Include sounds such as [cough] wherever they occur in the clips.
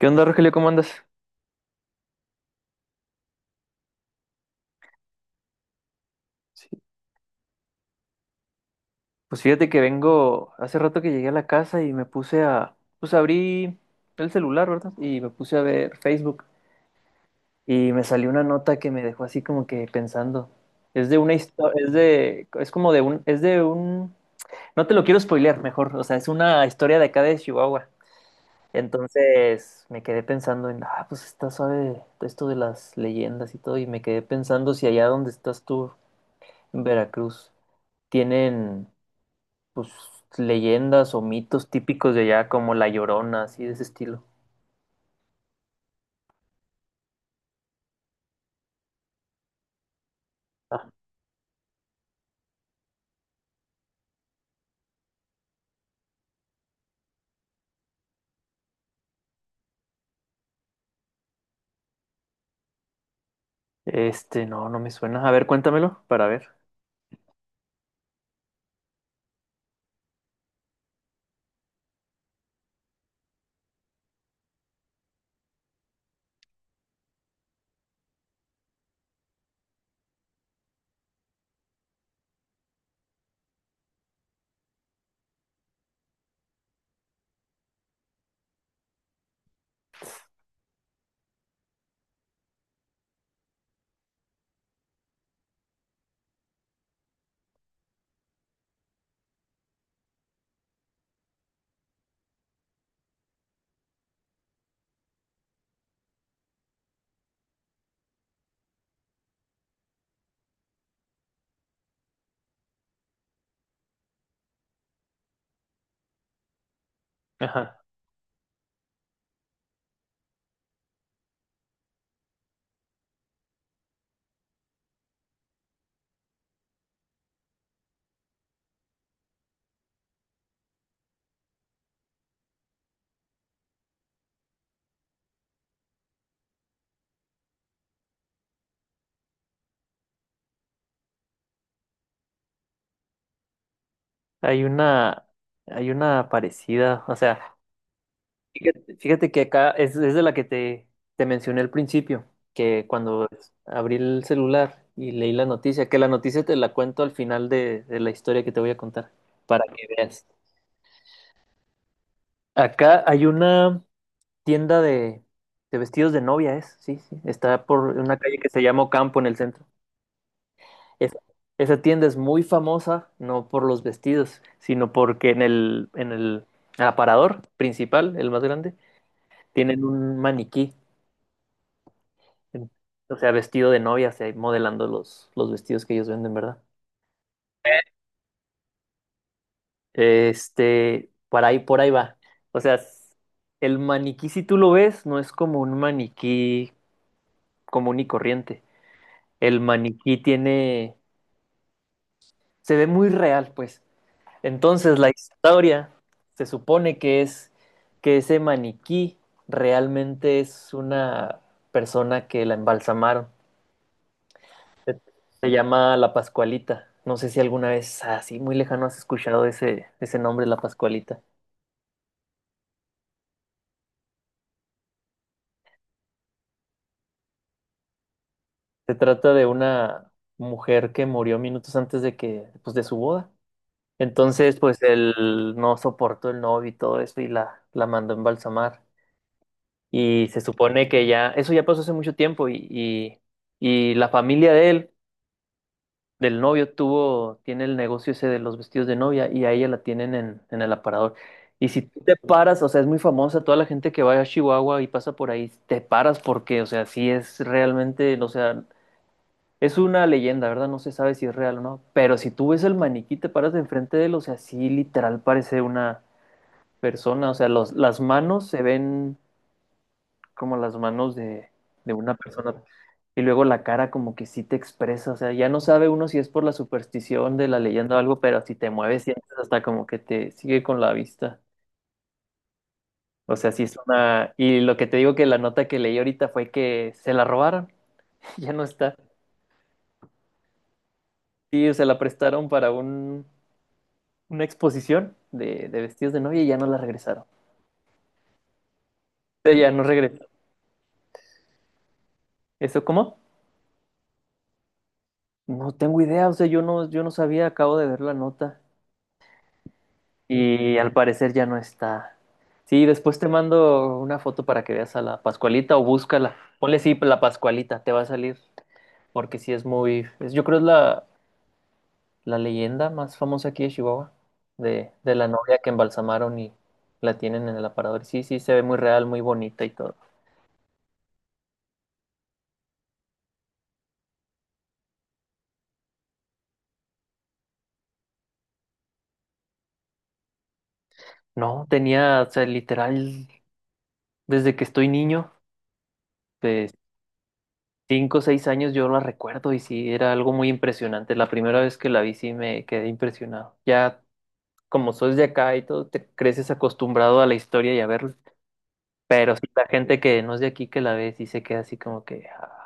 ¿Qué onda, Rogelio? ¿Cómo andas? Sí. Pues fíjate que vengo, hace rato que llegué a la casa y me puse pues abrí el celular, ¿verdad? Y me puse a ver Facebook y me salió una nota que me dejó así como que pensando. Es de una historia, es de un, no te lo quiero spoilear mejor, o sea, es una historia de acá de Chihuahua. Entonces me quedé pensando en, ah, pues está suave esto de las leyendas y todo, y me quedé pensando si allá donde estás tú, en Veracruz, tienen pues leyendas o mitos típicos de allá, como La Llorona, así de ese estilo. Ah. Este, no, no me suena. A ver, cuéntamelo para ver. Ajá. Hay una, hay una parecida, o sea, fíjate que acá es de la que te mencioné al principio, que cuando abrí el celular y leí la noticia, que la noticia te la cuento al final de la historia que te voy a contar, para que veas. Acá hay una tienda de vestidos de novia, sí, sí. Está por una calle que se llama Campo en el centro. Es- esa tienda es muy famosa, no por los vestidos, sino porque en el aparador principal, el más grande, tienen un maniquí, en- o sea, vestido de novia, o sea, modelando los vestidos que ellos venden, ¿verdad? Este, por ahí va. O sea, el maniquí, si tú lo ves, no es como un maniquí común y corriente. El maniquí tiene se ve muy real, pues. Entonces la historia se supone que es que ese maniquí realmente es una persona que la embalsamaron. Se, se llama La Pascualita. No sé si alguna vez así muy lejano has escuchado ese nombre, La Pascualita. Se trata de una mujer que murió minutos antes de que, pues, de su boda. Entonces, pues él no soportó el novio y todo eso y la mandó a embalsamar. Y se supone que ya, eso ya pasó hace mucho tiempo y la familia de él, del novio, tuvo, tiene el negocio ese de los vestidos de novia y a ella la tienen en el aparador. Y si tú te paras, o sea, es muy famosa toda la gente que va a Chihuahua y pasa por ahí, te paras porque, o sea, sí es realmente, o sea, es una leyenda, ¿verdad? No se sabe si es real o no, pero si tú ves el maniquí, te paras de enfrente de él, o sea, sí literal parece una persona, o sea, los, las manos se ven como las manos de una persona. Y luego la cara como que sí te expresa, o sea, ya no sabe uno si es por la superstición de la leyenda o algo, pero si te mueves sientes hasta como que te sigue con la vista. O sea, sí es una... Y lo que te digo que la nota que leí ahorita fue que se la robaron, [laughs] ya no está. Sí, se la prestaron para una exposición de vestidos de novia y ya no la regresaron. O sea, ya no regresó. ¿Eso cómo? No tengo idea, o sea, yo no sabía, acabo de ver la nota. Y al parecer ya no está. Sí, después te mando una foto para que veas a la Pascualita o búscala. Ponle sí, la Pascualita, te va a salir. Porque sí es muy. Yo creo es la leyenda más famosa aquí de Chihuahua. De la novia que embalsamaron y la tienen en el aparador. Sí, sí, se ve muy real, muy bonita y todo. No, tenía, o sea, literal, desde que estoy niño, de 5 o 6 años, yo la recuerdo y sí, era algo muy impresionante. La primera vez que la vi, sí me quedé impresionado. Ya como sos de acá y todo, te creces acostumbrado a la historia y a verlo. Pero sí, la gente que no es de aquí que la ve sí se queda así como que... ah.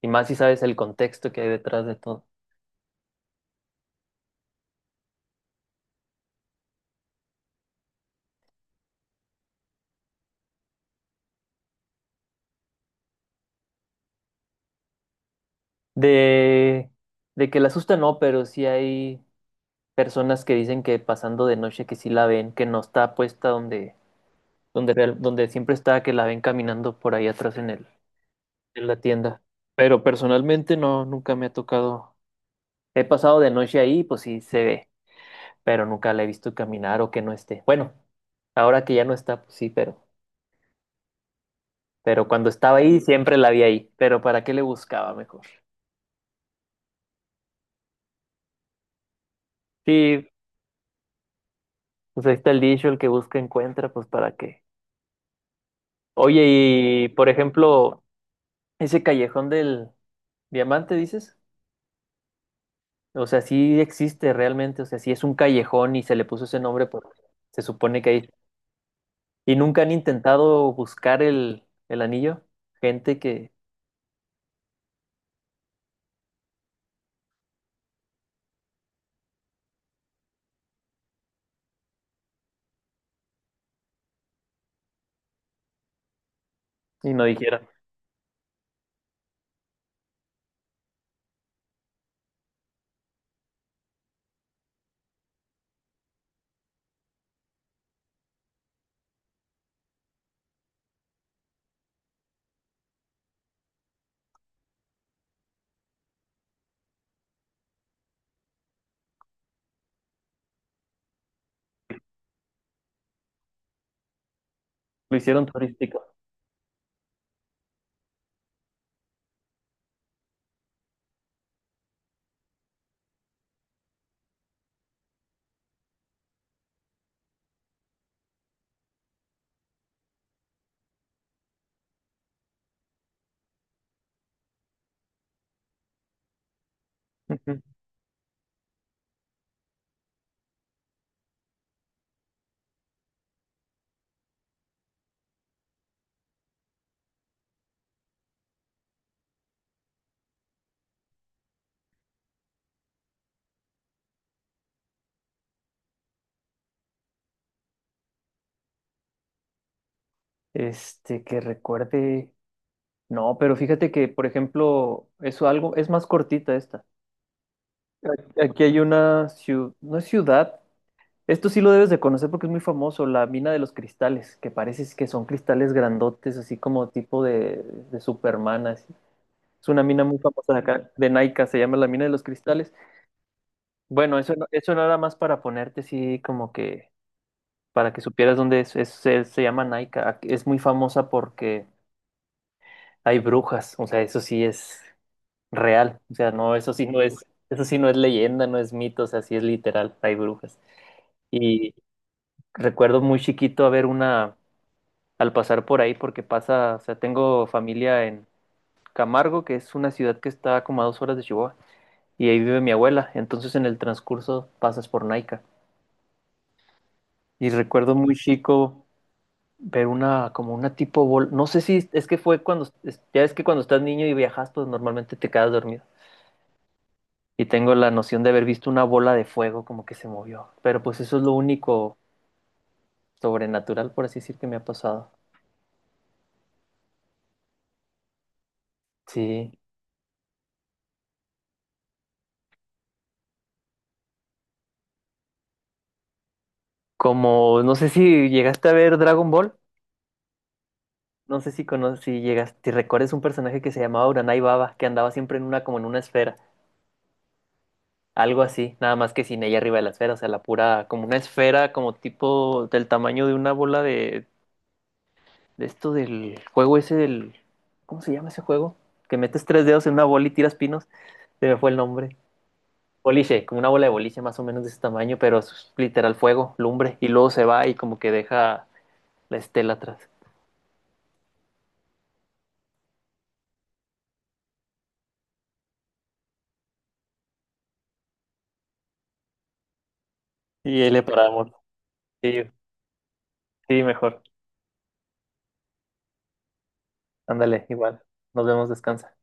Y más si sabes el contexto que hay detrás de todo. De, de que la asusta no, pero sí hay personas que dicen que pasando de noche que sí la ven, que no está puesta donde, donde siempre está, que la ven caminando por ahí atrás en la tienda. Pero personalmente no, nunca me ha tocado. He pasado de noche ahí, pues sí se ve, pero nunca la he visto caminar o que no esté. Bueno, ahora que ya no está, pues sí, pero cuando estaba ahí siempre la vi ahí, pero ¿para qué le buscaba mejor? Sí, pues ahí está el dicho, el que busca encuentra, pues ¿para qué? Oye, y por ejemplo, ese callejón del diamante, dices, o sea, sí existe realmente, o sea, sí es un callejón y se le puso ese nombre porque se supone que hay... ¿Y nunca han intentado buscar el anillo? Gente que, y no dijera, lo hicieron turístico. [laughs] Este, que recuerde. No, pero fíjate que, por ejemplo, eso algo, es más cortita esta. Aquí hay una ciudad, no es ciudad, esto sí lo debes de conocer porque es muy famoso, la mina de los cristales, que parece que son cristales grandotes, así como tipo de Superman, así. Es una mina muy famosa de acá, de Nike, se llama la mina de los cristales. Bueno, eso, eso nada más para ponerte así como que, para que supieras dónde es, se llama Nike, es muy famosa porque hay brujas, o sea, eso sí es... real. O sea, no, eso sí no es leyenda, no es mito, o sea, sí es literal, hay brujas. Y recuerdo muy chiquito haber una, al pasar por ahí, porque pasa, o sea, tengo familia en Camargo, que es una ciudad que está como a 2 horas de Chihuahua, y ahí vive mi abuela. Entonces en el transcurso pasas por Naica. Y recuerdo muy chico ver una, como una tipo bol, no sé si es que fue cuando, ya es que cuando estás niño y viajas, pues normalmente te quedas dormido. Y tengo la noción de haber visto una bola de fuego como que se movió. Pero pues eso es lo único sobrenatural, por así decir, que me ha pasado. Sí. Como, no sé si llegaste a ver Dragon Ball. No sé si conoces, si llegas, si recuerdas un personaje que se llamaba Uranai Baba, que andaba siempre en una, como en una esfera. Algo así, nada más que sin ella arriba de la esfera, o sea, la pura, como una esfera, como tipo del tamaño de una bola de esto del juego ese del, ¿cómo se llama ese juego? Que metes tres dedos en una bola y tiras pinos. Se me fue el nombre. Boliche, como una bola de boliche más o menos de ese tamaño, pero es literal fuego, lumbre, y luego se va y como que deja la estela atrás. Y ahí le paramos. Sí, sí, mejor. Ándale, igual. Nos vemos, descansa.